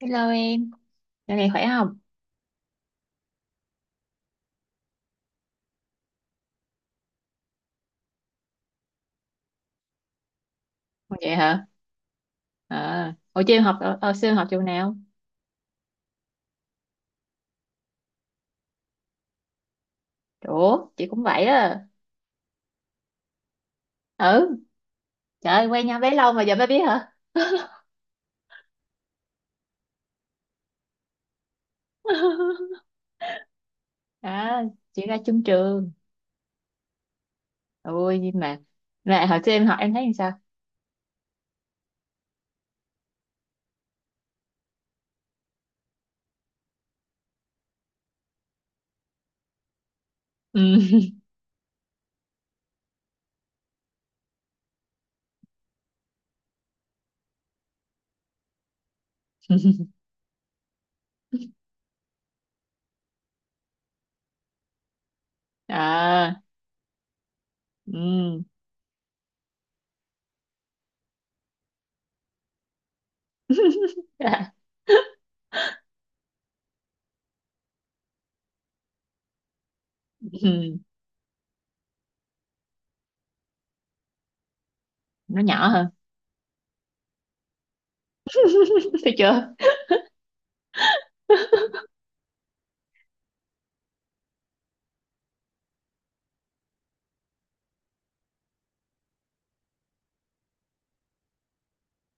Hello em, dạo này khỏe không? Vậy hả? À, hồi chưa em học ờ, xưa em học trường nào? Ủa, chị cũng vậy á. Ừ, trời ơi, quen nhau bấy lâu mà giờ mới biết hả? À, chị ra chung trường. Ôi, nhưng mà mẹ hồi xưa em học em thấy làm sao? Ừ. À, ừ. À, ừ. Nó nhỏ hơn. Thấy chưa?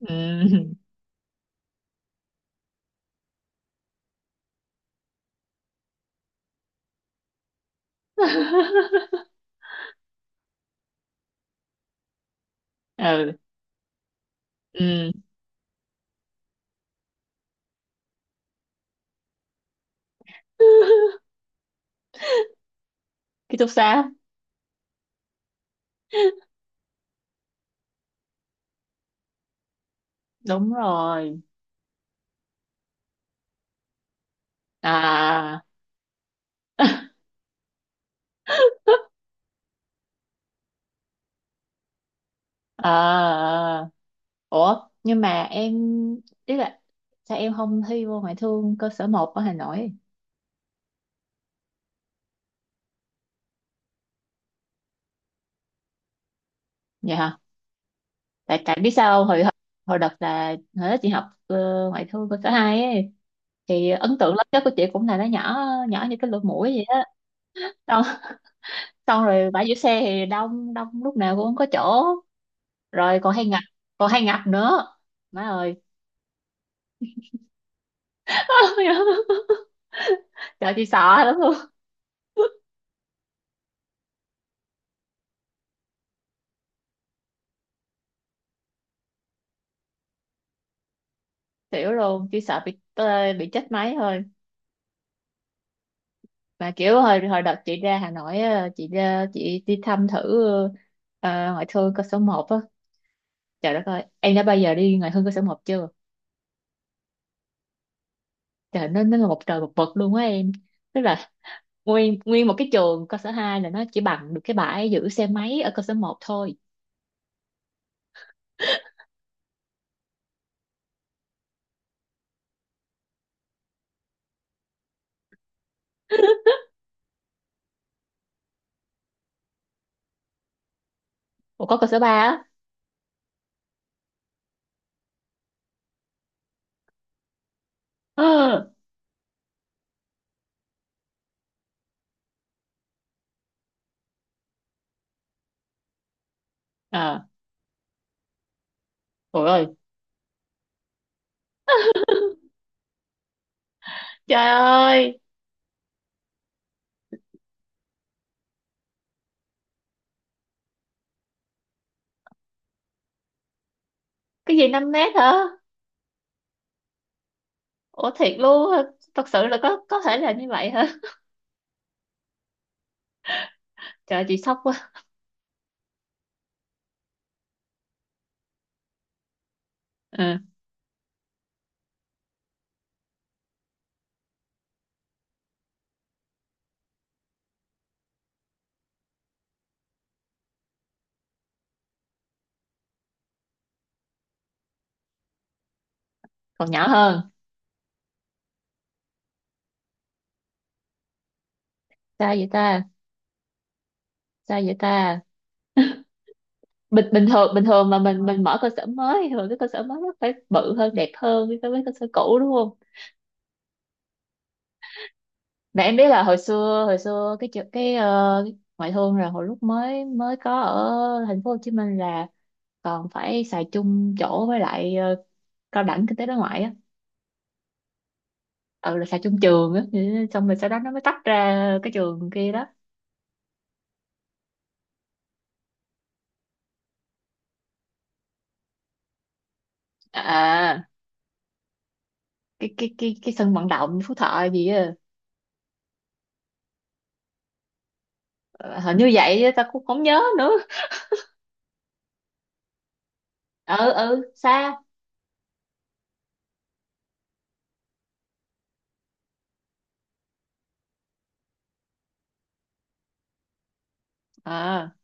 Ừ. Ừ. Ừ. Ký túc xá. Đúng rồi. À. À, à. Ủa, nhưng mà em ý là sao em không thi vô ngoại thương cơ sở 1 ở Hà Nội? Vậy hả? Tại tại biết sao không? Hồi hồi đợt là hồi đó chị học ngoại thương cơ sở 2 ấy, thì ấn tượng lớn nhất của chị cũng là nó nhỏ nhỏ như cái lỗ mũi vậy á. Xong, xong rồi bãi giữ xe thì đông đông lúc nào cũng không có chỗ, rồi còn hay ngập, còn hay ngập nữa, má ơi. Trời, chị sợ lắm luôn, xỉu luôn, chỉ sợ bị tê, bị chết máy thôi. Mà kiểu hồi hồi đợt chị ra Hà Nội á, chị ra chị đi thăm thử ờ, ngoại thương cơ sở một á. Trời đất ơi, em đã bao giờ đi ngoại thương cơ sở 1 chưa? Trời, nó là một trời một vực luôn á em. Tức là nguyên nguyên một cái trường cơ sở 2 là nó chỉ bằng được cái bãi giữ xe máy ở cơ sở 1 thôi. Ủa, có cơ sở 3 á? Ờ. À, ôi ơi, trời ơi, cái gì 5 mét hả? Ủa, thiệt luôn hả? Thật sự là có thể là như vậy hả? Trời, chị sốc quá. Ừ. Còn nhỏ hơn. Sao vậy ta? Sao vậy ta? Bình bình thường bình thường mà mình mở cơ sở mới thì thường cái cơ sở mới nó phải bự hơn, đẹp hơn so với cơ sở cũ, đúng không? Mà em biết là hồi xưa cái chợ- cái, ngoại thương là hồi lúc mới mới có ở thành phố Hồ Chí Minh là còn phải xài chung chỗ với lại cao đẳng kinh tế đối ngoại á, ừ, là xài chung trường á. Ừ, xong rồi sau đó nó mới tách ra cái trường kia đó. À, à, cái sân vận động Phú Thọ gì á. Ờ, hình như vậy á, ta cũng không nhớ nữa. Ừ, ừ, xa. À,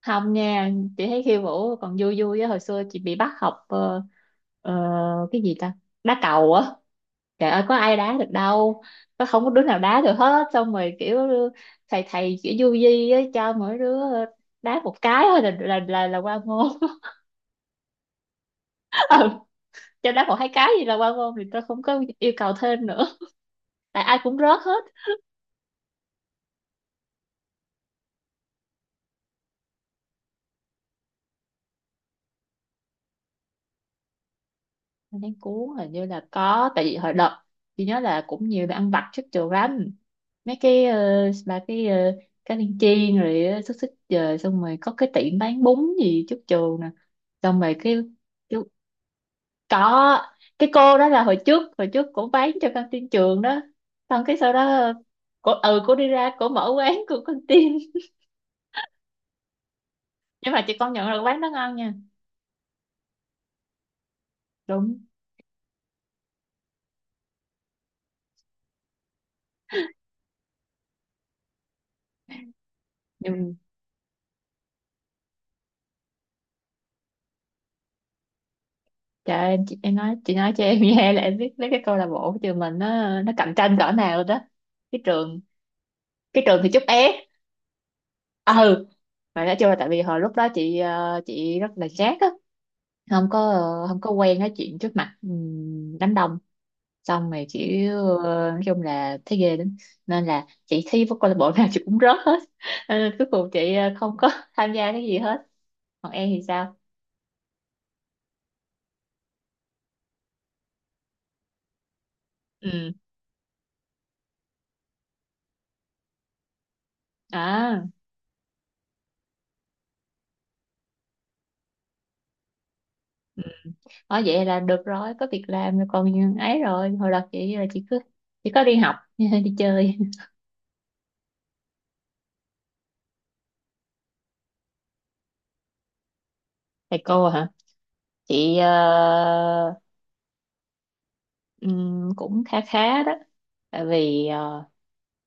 không nha, chị thấy khiêu vũ còn vui vui á. Hồi xưa chị bị bắt học ờ, cái gì ta, đá cầu á. Trời ơi, có ai đá được đâu, không có đứa nào đá được hết. Xong rồi kiểu thầy thầy kiểu du di á, cho mỗi đứa đá một cái thôi là qua môn. Ừ. Cho đá một hai cái gì là qua môn thì tôi không có yêu cầu thêm nữa, tại ai cũng rớt hết. Nên cuốn hình như là có, tại vì hồi đợt chị nhớ là cũng nhiều bạn ăn vặt trước trường lắm. Mấy cái bà cái cá viên chiên rồi xúc xích, trời, xong rồi có cái tiệm bán bún gì chút chù nè. Xong rồi cái chú-, có cái cô đó là hồi trước cổ bán cho căng tin trường đó, xong cái sau đó cổ, cổ đi ra cổ mở quán của căng tin. Nhưng mà chị công nhận là quán đó ngon nha. Đúng. Nhưng trời ơi, chị, em nói, chị nói cho em nghe là em biết mấy cái câu lạc bộ của trường mình nó cạnh tranh cỡ nào rồi đó. Cái trường cái trường thì chút é. Ừ, mà nói chung là tại vì hồi lúc đó chị rất là chát á, không có quen nói chuyện trước mặt đám đông, xong rồi chị nói chung là thấy ghê lắm, nên là chị thi với câu lạc bộ nào chị cũng rớt hết. Ờ, cuối cùng chị không có tham gia cái gì hết. Còn em thì sao? Ừ. À. Ừ. Ờ, vậy là được rồi, có việc làm rồi, còn ấy, rồi hồi đó chị là chị cứ chỉ có đi học đi chơi. Thầy cô hả? chị ờ, cũng khá khá đó, tại vì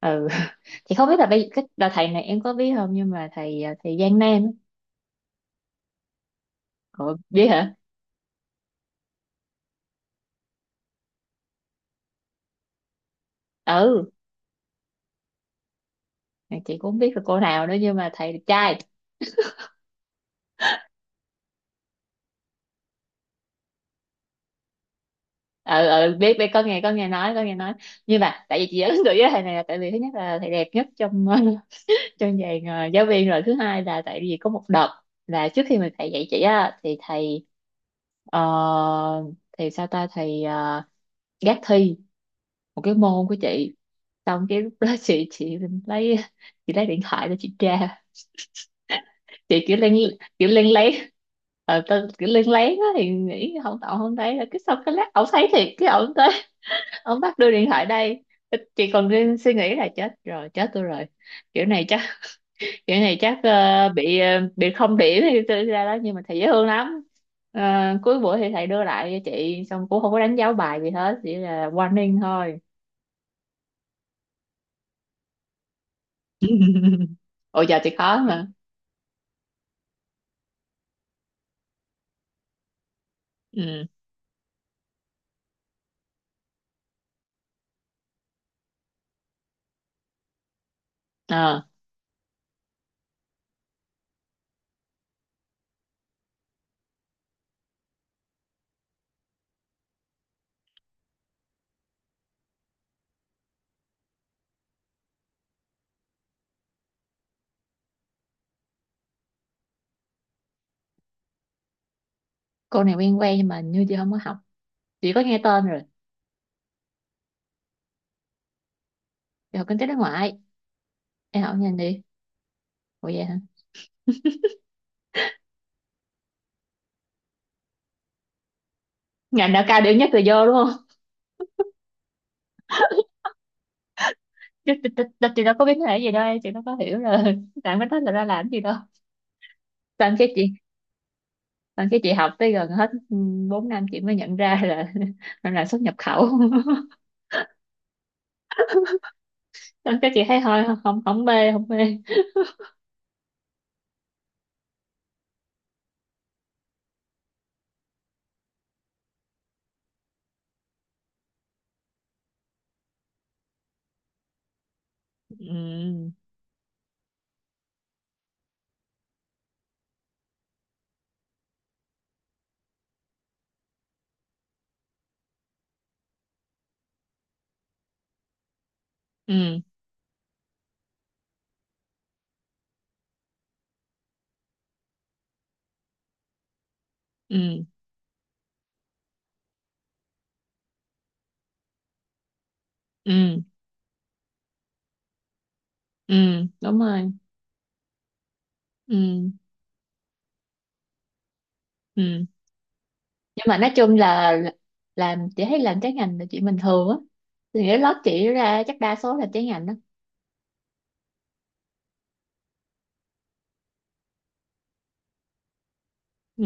ừ. Thì không biết là bây cái đợt thầy này em có biết không, nhưng mà thầy Giang Nam á. Ủa, biết hả? Ừ, chị cũng không biết là cô nào nữa, nhưng mà thầy đẹp trai. Ừ, ừ, biết biết có nghe nói. Nhưng mà tại vì chị ấn tượng với thầy này là tại vì thứ nhất là thầy đẹp nhất trong trong dàn giáo viên, rồi thứ hai là tại vì có một đợt là trước khi mà thầy dạy chị á thì thầy ờ, thì sao ta, thầy gác thi một cái môn của chị, xong cái lúc đó chị lấy, chị lấy điện thoại để chị tra. Chị kiểu lên, kiểu lên lấy, ờ, tao kiểu lên lấy á thì nghĩ không, tao không thấy, rồi cái xong cái lát ổng thấy thiệt, cái ổng tới, ổng bắt đưa điện thoại đây. Chị còn đang suy nghĩ là chết rồi, chết tôi rồi, kiểu này chắc, kiểu này chắc bị không điểm thì tôi ra đó, nhưng mà thầy dễ thương lắm. Ờ, cuối buổi thì thầy đưa lại cho chị, xong cũng không có đánh dấu bài gì hết, chỉ là warning thôi. Ôi giờ thì khó mà. Ừ. Ờ, cô này quen quen nhưng mà như chị không có học, chị có nghe tên rồi. Chị học kinh tế đối ngoại. Em học nhanh đi. Ủa, vậy hả? Ngành nào cao điểm nhất là vô, đúng không? Chứ chị đâu có biết cái này gì đâu em, chị đâu có hiểu rồi làm cái đó là ra làm gì đâu. Xong cái chị, xong cái chị học tới gần hết 4 năm chị mới nhận ra là mình làm xuất nhập khẩu. Xong cái chị thấy thôi, không, không mê, không mê. Ừ, ừ, ừ, ừ, ừ, đúng rồi, ừ, ừ. Nhưng mà nói chung là làm, chị thấy làm trái ngành là chuyện bình thường á, thì cái lớp chị ra chắc đa số là trái ngành đó. Ừ.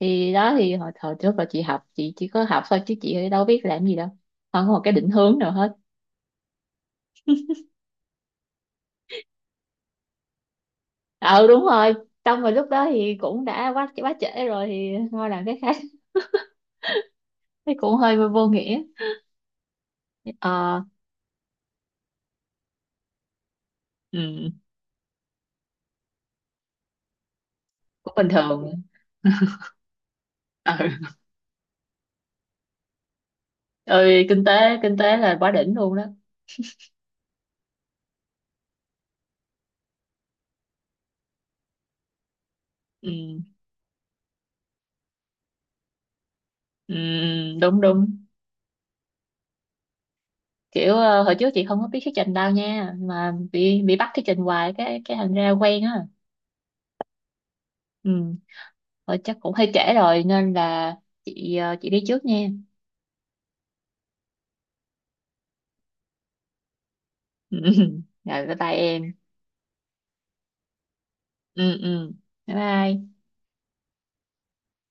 Thì đó, thì hồi trước là chị học, chị chỉ có học thôi chứ chị đâu biết làm gì đâu, không có một cái định hướng nào hết. Ừ, đúng rồi. Xong rồi lúc đó thì cũng đã quá quá trễ rồi thì thôi làm cái khác. Thấy cũng hơi vô nghĩa. Ờ. Ừ, cũng bình thường. Ừ. Ơi, kinh tế là quá đỉnh luôn đó. Ừ. Ừ, đúng, đúng. Kiểu hồi trước chị không có biết thuyết trình đâu nha, mà bị bắt thuyết trình hoài cái thành ra quen á. Ừ. Rồi chắc cũng hơi trễ rồi nên là chị đi trước nha. Ừ. Rồi bye bye em. Ừ, ừ, bye bye.